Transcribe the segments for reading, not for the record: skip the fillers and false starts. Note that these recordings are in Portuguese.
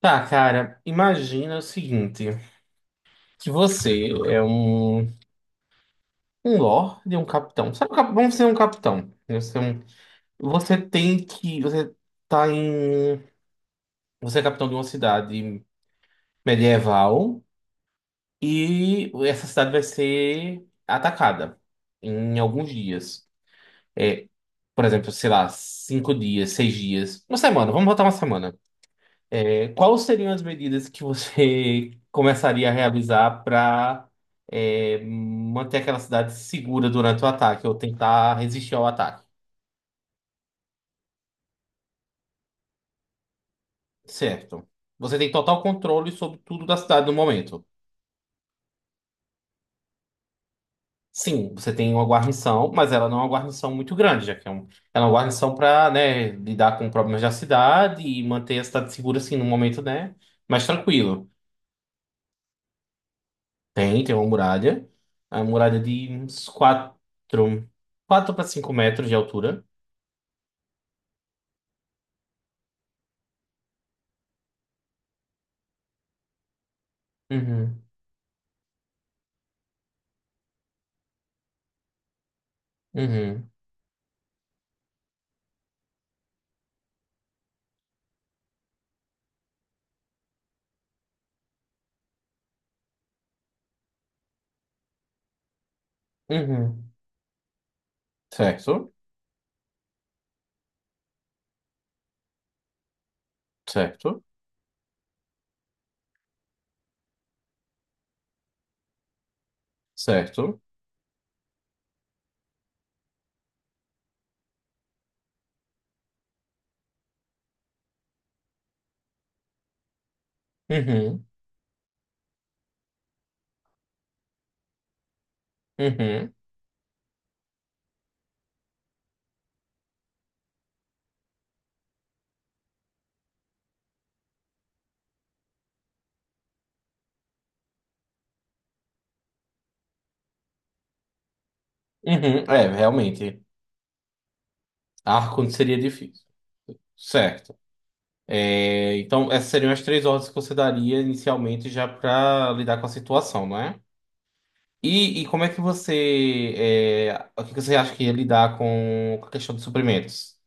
Tá, cara, imagina o seguinte, que você é um lorde, um capitão. Sabe, vamos ser um capitão, né? Você, é um- você tem que, você tá em, você é capitão de uma cidade medieval e essa cidade vai ser atacada em alguns dias. É, por exemplo, sei lá, cinco dias, seis dias, uma semana, vamos botar uma semana. Quais seriam as medidas que você começaria a realizar para manter aquela cidade segura durante o ataque ou tentar resistir ao ataque? Certo. Você tem total controle sobre tudo da cidade no momento. Sim, você tem uma guarnição, mas ela não é uma guarnição muito grande, já que ela é uma guarnição para lidar com problemas da cidade e manter a cidade segura, assim, no momento, né, mais tranquilo. Tem, tem uma muralha. A muralha de uns 4, quatro para 5 metros de altura. Uhum, uhum, uhum. Certo, certo, certo. Uhum, uhum, uhum. É, realmente. Arco seria difícil. Certo. Então, essas seriam as três ordens que você daria inicialmente já para lidar com a situação, não é? E como é que você. É, o que que você acha que ia lidar com a questão de suprimentos?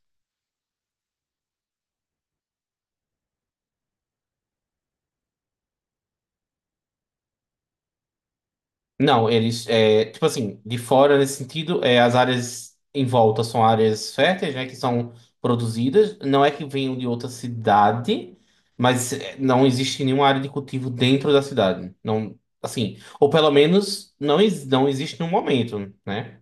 Não, eles, tipo assim, de fora nesse sentido, é, as áreas em volta são áreas férteis, né, que são produzidas. Não é que venham de outra cidade, não existe nenhuma área de cultivo dentro da cidade. Não, assim, ou pelo menos não existe no momento, né?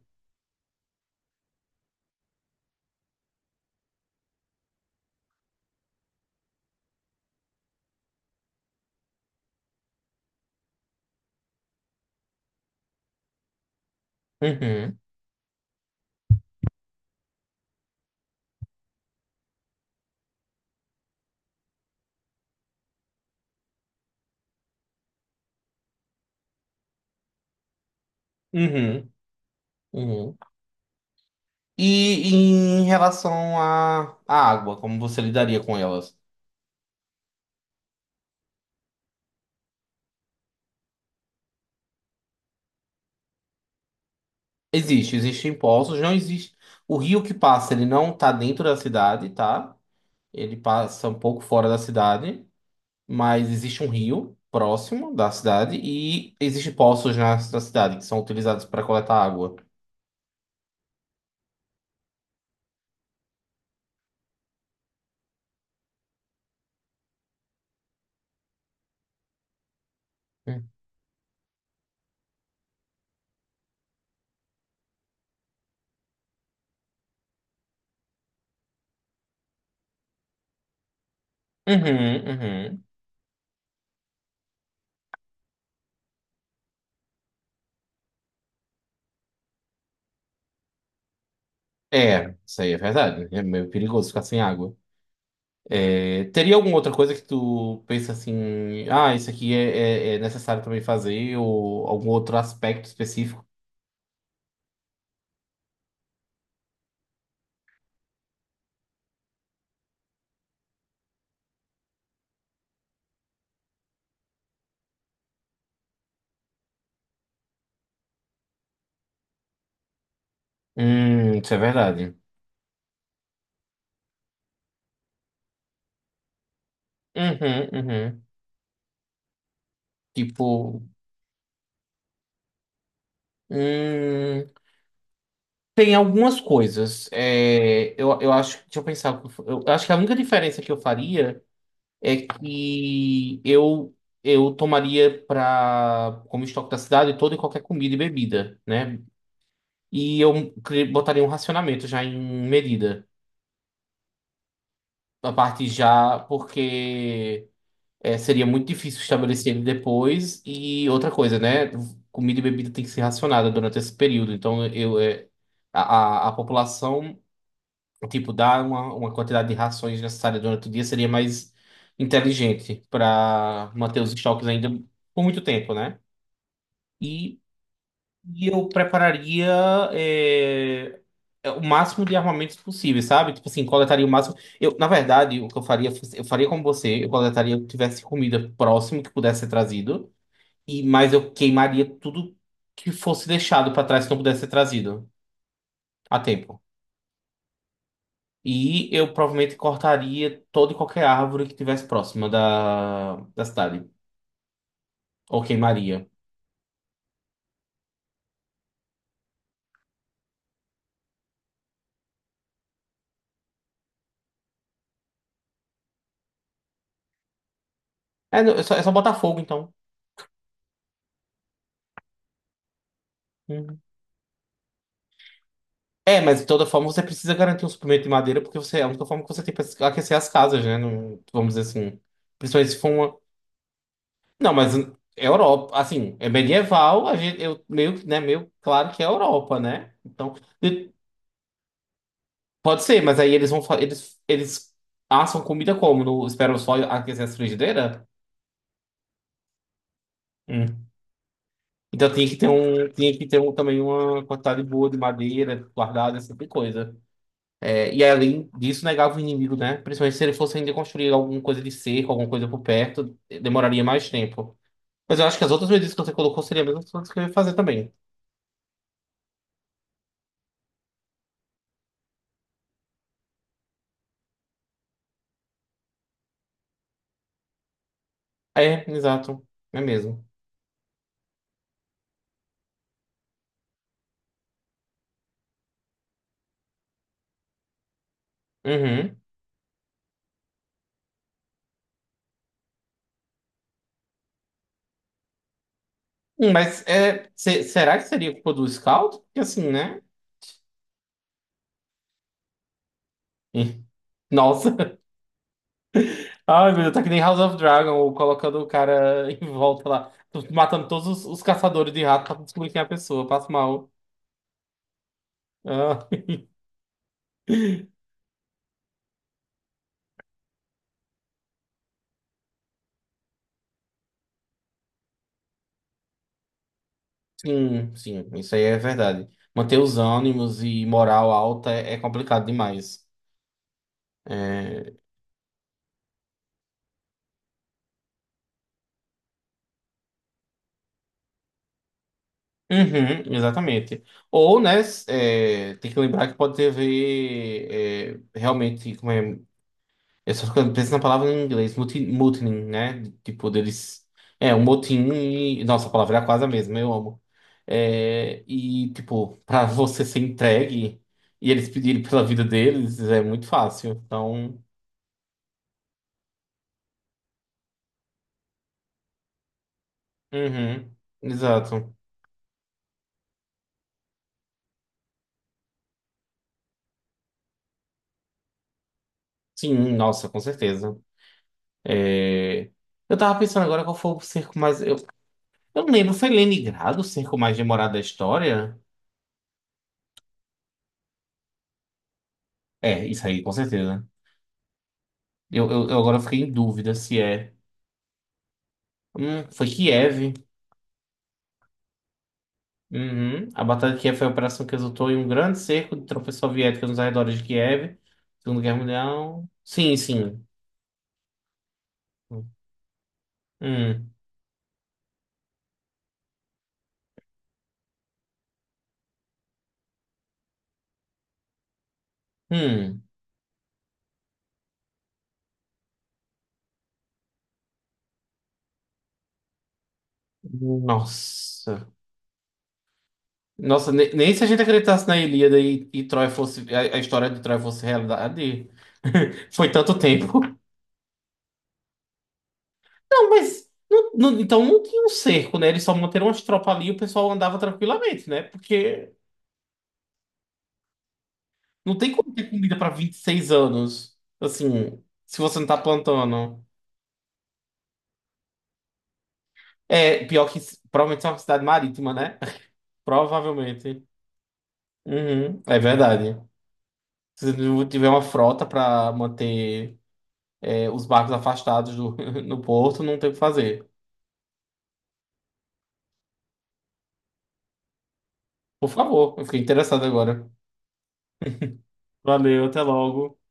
Uhum, uhum, uhum. E, em relação à água, como você lidaria com elas? Existe, existem poços, não existe. O rio que passa, ele não tá dentro da cidade, tá? Ele passa um pouco fora da cidade, mas existe um rio próximo da cidade e existem poços na cidade que são utilizados para coletar água. Hum. Uhum, uhum. É, isso aí é verdade. É meio perigoso ficar sem água. É, teria alguma outra coisa que tu pensa assim, ah, isso aqui é necessário também fazer, ou algum outro aspecto específico? Isso é verdade. Uhum, uhum. Tipo, hum, tem algumas coisas. Eu acho. Deixa eu pensar. Eu acho que a única diferença que eu faria é que eu tomaria pra, como estoque da cidade, toda e qualquer comida e bebida, né? Botaria um racionamento já em medida. A parte já, porque é, seria muito difícil estabelecer ele depois. E outra coisa, né? Comida e bebida tem que ser racionada durante esse período. Então eu, é, a população, tipo, dar uma quantidade de rações necessária durante o dia seria mais inteligente para manter os estoques ainda por muito tempo, né? E, e eu prepararia é, o máximo de armamentos possível, sabe? Tipo assim, coletaria o máximo. Eu, na verdade, o que eu faria, fosse- eu faria como você, eu coletaria o que tivesse comida próximo que pudesse ser trazido, mas eu queimaria tudo que fosse deixado para trás que não pudesse ser trazido a tempo. E eu provavelmente cortaria toda e qualquer árvore que tivesse próxima da cidade. Ou queimaria. É, não, é só botar fogo, então. Uhum. É, mas de toda forma você precisa garantir um suprimento de madeira, porque você, é a única forma que você tem para aquecer as casas, né? Vamos dizer assim. Principalmente se for uma. Não, mas é Europa. Assim, é medieval, a gente, eu, meio, né, meio claro que é Europa, né? De- Pode ser, mas aí eles vão. Eles assam comida como? No, esperam só aquecer as frigideiras? Então tinha que ter um, também uma quantidade boa de madeira guardada, esse tipo de coisa. É, e além disso, negava o inimigo, né? Principalmente se ele fosse ainda construir alguma coisa de cerco, alguma coisa por perto, demoraria mais tempo. Mas eu acho que as outras medidas que você colocou seriam as mesmas coisas que eu ia fazer também. É, exato. É mesmo. Uhum. Mas é, será que seria culpa do Scout? Porque assim, né? Ih, nossa. Ai, meu Deus, tá que nem House of Dragon, ou colocando o cara em volta lá, matando todos os caçadores de rato pra descobrir quem é a pessoa. Passa mal. Ah, sim, sim, isso aí é verdade. Manter os ânimos e moral alta é complicado demais. É, uhum, exatamente. Ou, né, tem que lembrar que pode ter a ver realmente como é. Eu só fico penso na palavra em inglês, mutiny, né? Tipo, deles. É, um motim e. Nossa, a palavra é quase a mesma, eu amo. É, e, tipo, pra você ser entregue e eles pedirem pela vida deles, é muito fácil. Então. Uhum, exato. Sim, nossa, com certeza. É, eu tava pensando agora qual foi o cerco mais. Eu não lembro, foi Leningrado o cerco mais demorado da história? É, isso aí, com certeza. Eu agora fiquei em dúvida se é. Foi Kiev. Uhum. A Batalha de Kiev foi a operação que resultou em um grande cerco de tropas soviéticas nos arredores de Kiev. Segunda Guerra Mundial. Sim, sim. Hum. Hum. Nossa. Nossa, nem se a gente acreditasse na Ilíada e Troia fosse, a história de Troia fosse realidade. Foi tanto tempo. Não, mas. Então não tinha um cerco, né? Eles só manteram as tropas ali e o pessoal andava tranquilamente, né? Porque não tem como ter comida para 26 anos. Assim, se você não tá plantando. É, pior que provavelmente é uma cidade marítima, né? Provavelmente. Uhum, é verdade. Se não tiver uma frota para manter os barcos afastados do, no porto, não tem o que fazer. Por favor, eu fiquei interessado agora. Valeu, até logo.